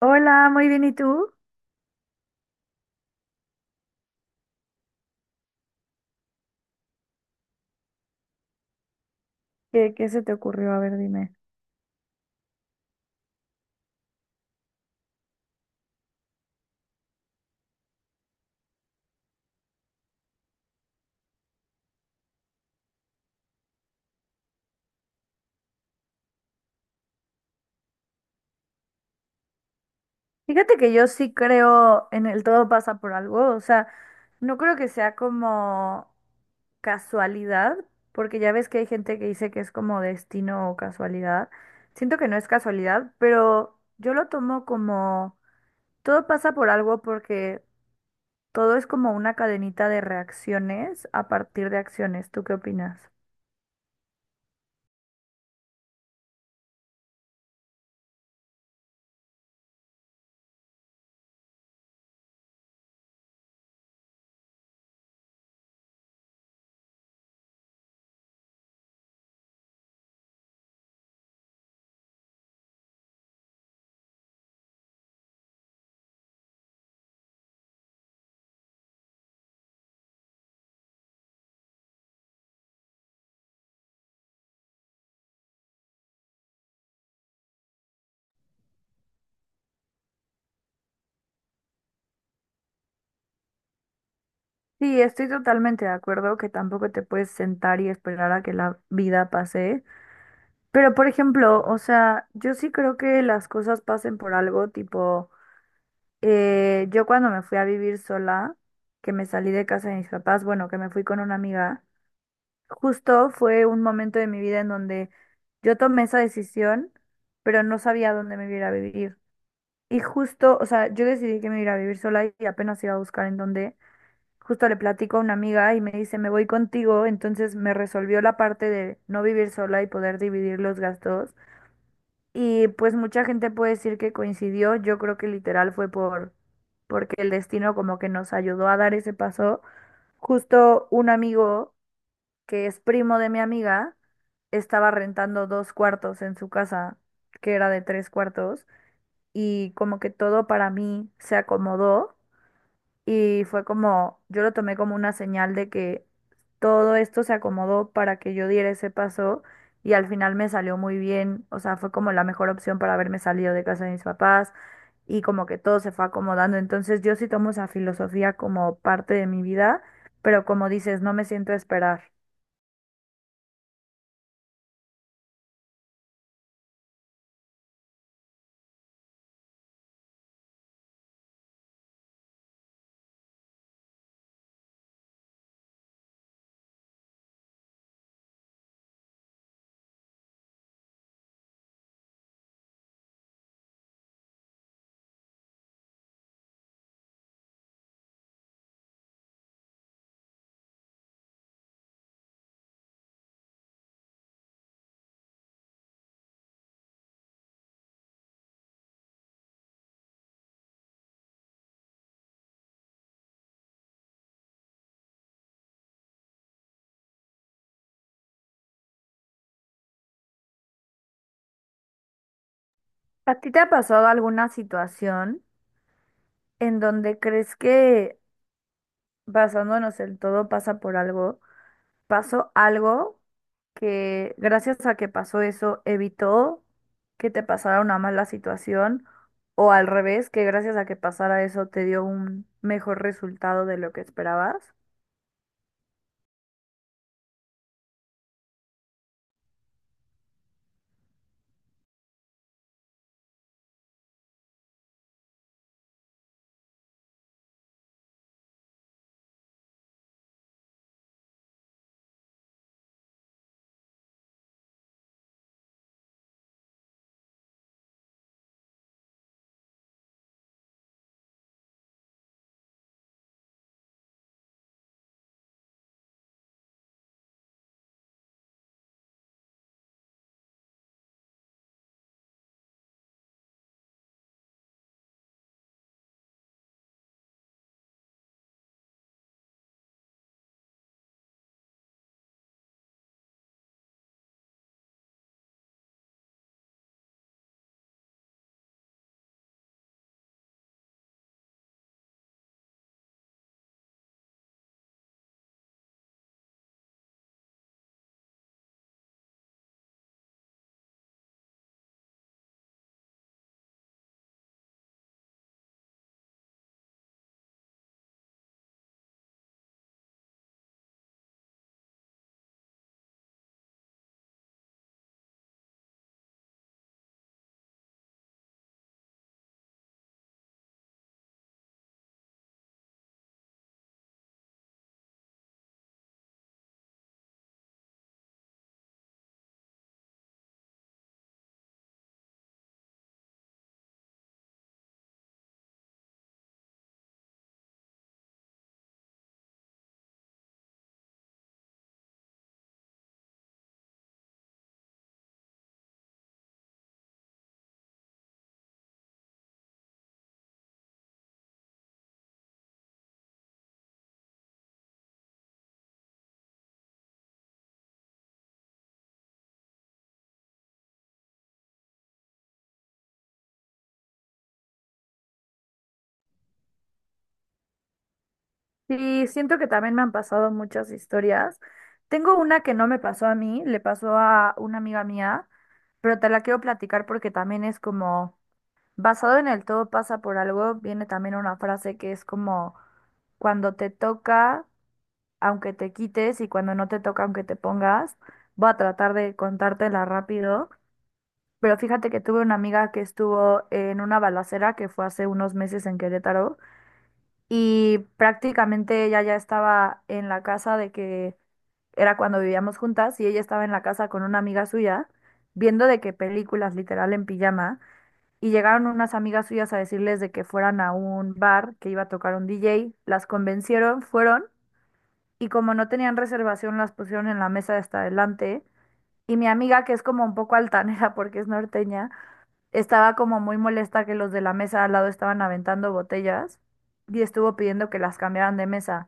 Hola, muy bien. ¿Y tú? ¿¿Qué se te ocurrió? A ver, dime. Fíjate que yo sí creo en el todo pasa por algo. O sea, no creo que sea como casualidad, porque ya ves que hay gente que dice que es como destino o casualidad. Siento que no es casualidad, pero yo lo tomo como todo pasa por algo porque todo es como una cadenita de reacciones a partir de acciones. ¿Tú qué opinas? Sí, estoy totalmente de acuerdo que tampoco te puedes sentar y esperar a que la vida pase. Pero, por ejemplo, o sea, yo sí creo que las cosas pasen por algo, tipo, yo cuando me fui a vivir sola, que me salí de casa de mis papás, bueno, que me fui con una amiga, justo fue un momento de mi vida en donde yo tomé esa decisión, pero no sabía dónde me iba a ir a vivir. Y justo, o sea, yo decidí que me iba a ir a vivir sola y apenas iba a buscar en dónde. Justo le platico a una amiga y me dice, me voy contigo, entonces me resolvió la parte de no vivir sola y poder dividir los gastos. Y pues mucha gente puede decir que coincidió, yo creo que literal fue porque el destino como que nos ayudó a dar ese paso. Justo un amigo que es primo de mi amiga estaba rentando dos cuartos en su casa, que era de tres cuartos, y como que todo para mí se acomodó y fue como, yo lo tomé como una señal de que todo esto se acomodó para que yo diera ese paso y al final me salió muy bien, o sea, fue como la mejor opción para haberme salido de casa de mis papás y como que todo se fue acomodando. Entonces yo sí tomo esa filosofía como parte de mi vida, pero como dices, no me siento a esperar. ¿A ti te ha pasado alguna situación en donde crees que basándonos en todo pasa por algo? Pasó algo que gracias a que pasó eso evitó que te pasara una mala situación o al revés, que gracias a que pasara eso te dio un mejor resultado de lo que esperabas. Sí, siento que también me han pasado muchas historias. Tengo una que no me pasó a mí, le pasó a una amiga mía, pero te la quiero platicar porque también es como, basado en el todo pasa por algo, viene también una frase que es como, cuando te toca aunque te quites y cuando no te toca, aunque te pongas, voy a tratar de contártela rápido. Pero fíjate que tuve una amiga que estuvo en una balacera que fue hace unos meses en Querétaro y prácticamente ella ya estaba en la casa de que era cuando vivíamos juntas y ella estaba en la casa con una amiga suya viendo de qué películas literal en pijama y llegaron unas amigas suyas a decirles de que fueran a un bar que iba a tocar un DJ, las convencieron, fueron y como no tenían reservación las pusieron en la mesa de hasta adelante. Y mi amiga, que es como un poco altanera porque es norteña, estaba como muy molesta que los de la mesa al lado estaban aventando botellas y estuvo pidiendo que las cambiaran de mesa.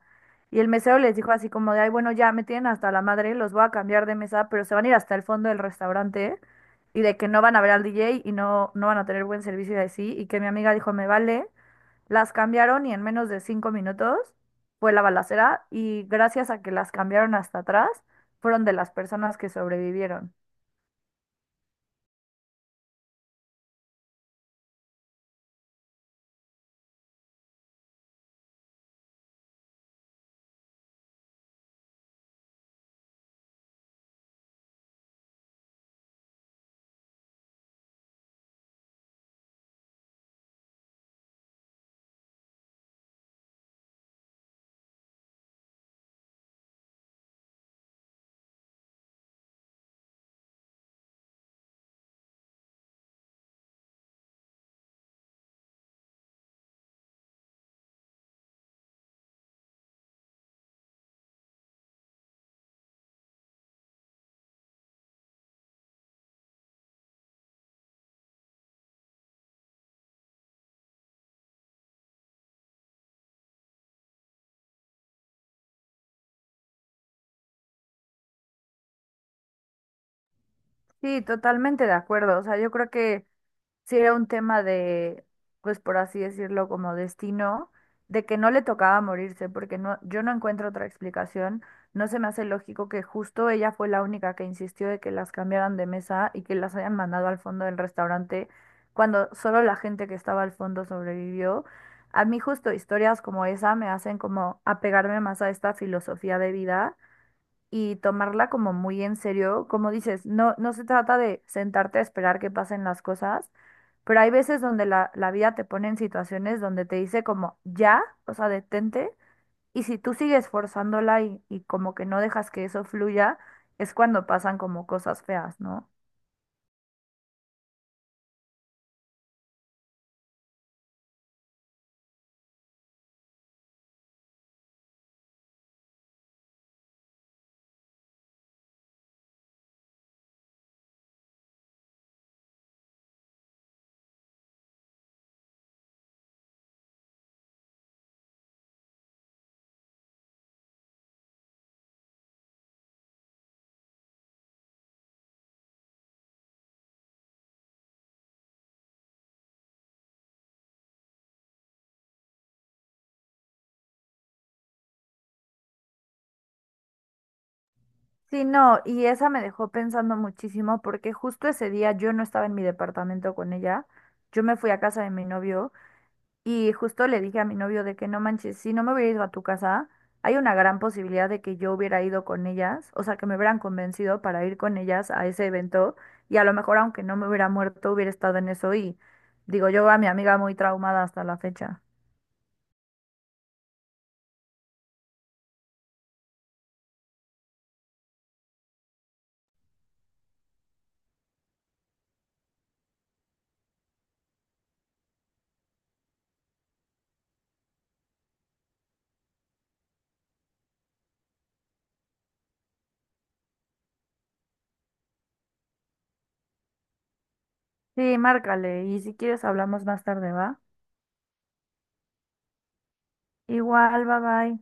Y el mesero les dijo así como de, ay, bueno, ya me tienen hasta la madre, los voy a cambiar de mesa, pero se van a ir hasta el fondo del restaurante y de que no van a ver al DJ y no, no van a tener buen servicio y así. Y que mi amiga dijo, me vale. Las cambiaron y en menos de 5 minutos fue la balacera y gracias a que las cambiaron hasta atrás, fueron de las personas que sobrevivieron. Sí, totalmente de acuerdo. O sea, yo creo que sí era un tema de, pues por así decirlo, como destino, de que no le tocaba morirse, porque no, yo no encuentro otra explicación. No se me hace lógico que justo ella fue la única que insistió de que las cambiaran de mesa y que las hayan mandado al fondo del restaurante, cuando solo la gente que estaba al fondo sobrevivió. A mí justo historias como esa me hacen como apegarme más a esta filosofía de vida y tomarla como muy en serio. Como dices, no, no se trata de sentarte a esperar que pasen las cosas, pero hay veces donde la vida te pone en situaciones donde te dice como ya, o sea, detente, y si tú sigues forzándola y como que no dejas que eso fluya, es cuando pasan como cosas feas, ¿no? Sí, no, y esa me dejó pensando muchísimo porque justo ese día yo no estaba en mi departamento con ella, yo me fui a casa de mi novio. Y justo le dije a mi novio de que no manches, si no me hubiera ido a tu casa, hay una gran posibilidad de que yo hubiera ido con ellas, o sea, que me hubieran convencido para ir con ellas a ese evento y a lo mejor aunque no me hubiera muerto, hubiera estado en eso y digo yo a mi amiga muy traumada hasta la fecha. Sí, márcale y si quieres hablamos más tarde, ¿va? Igual, bye bye.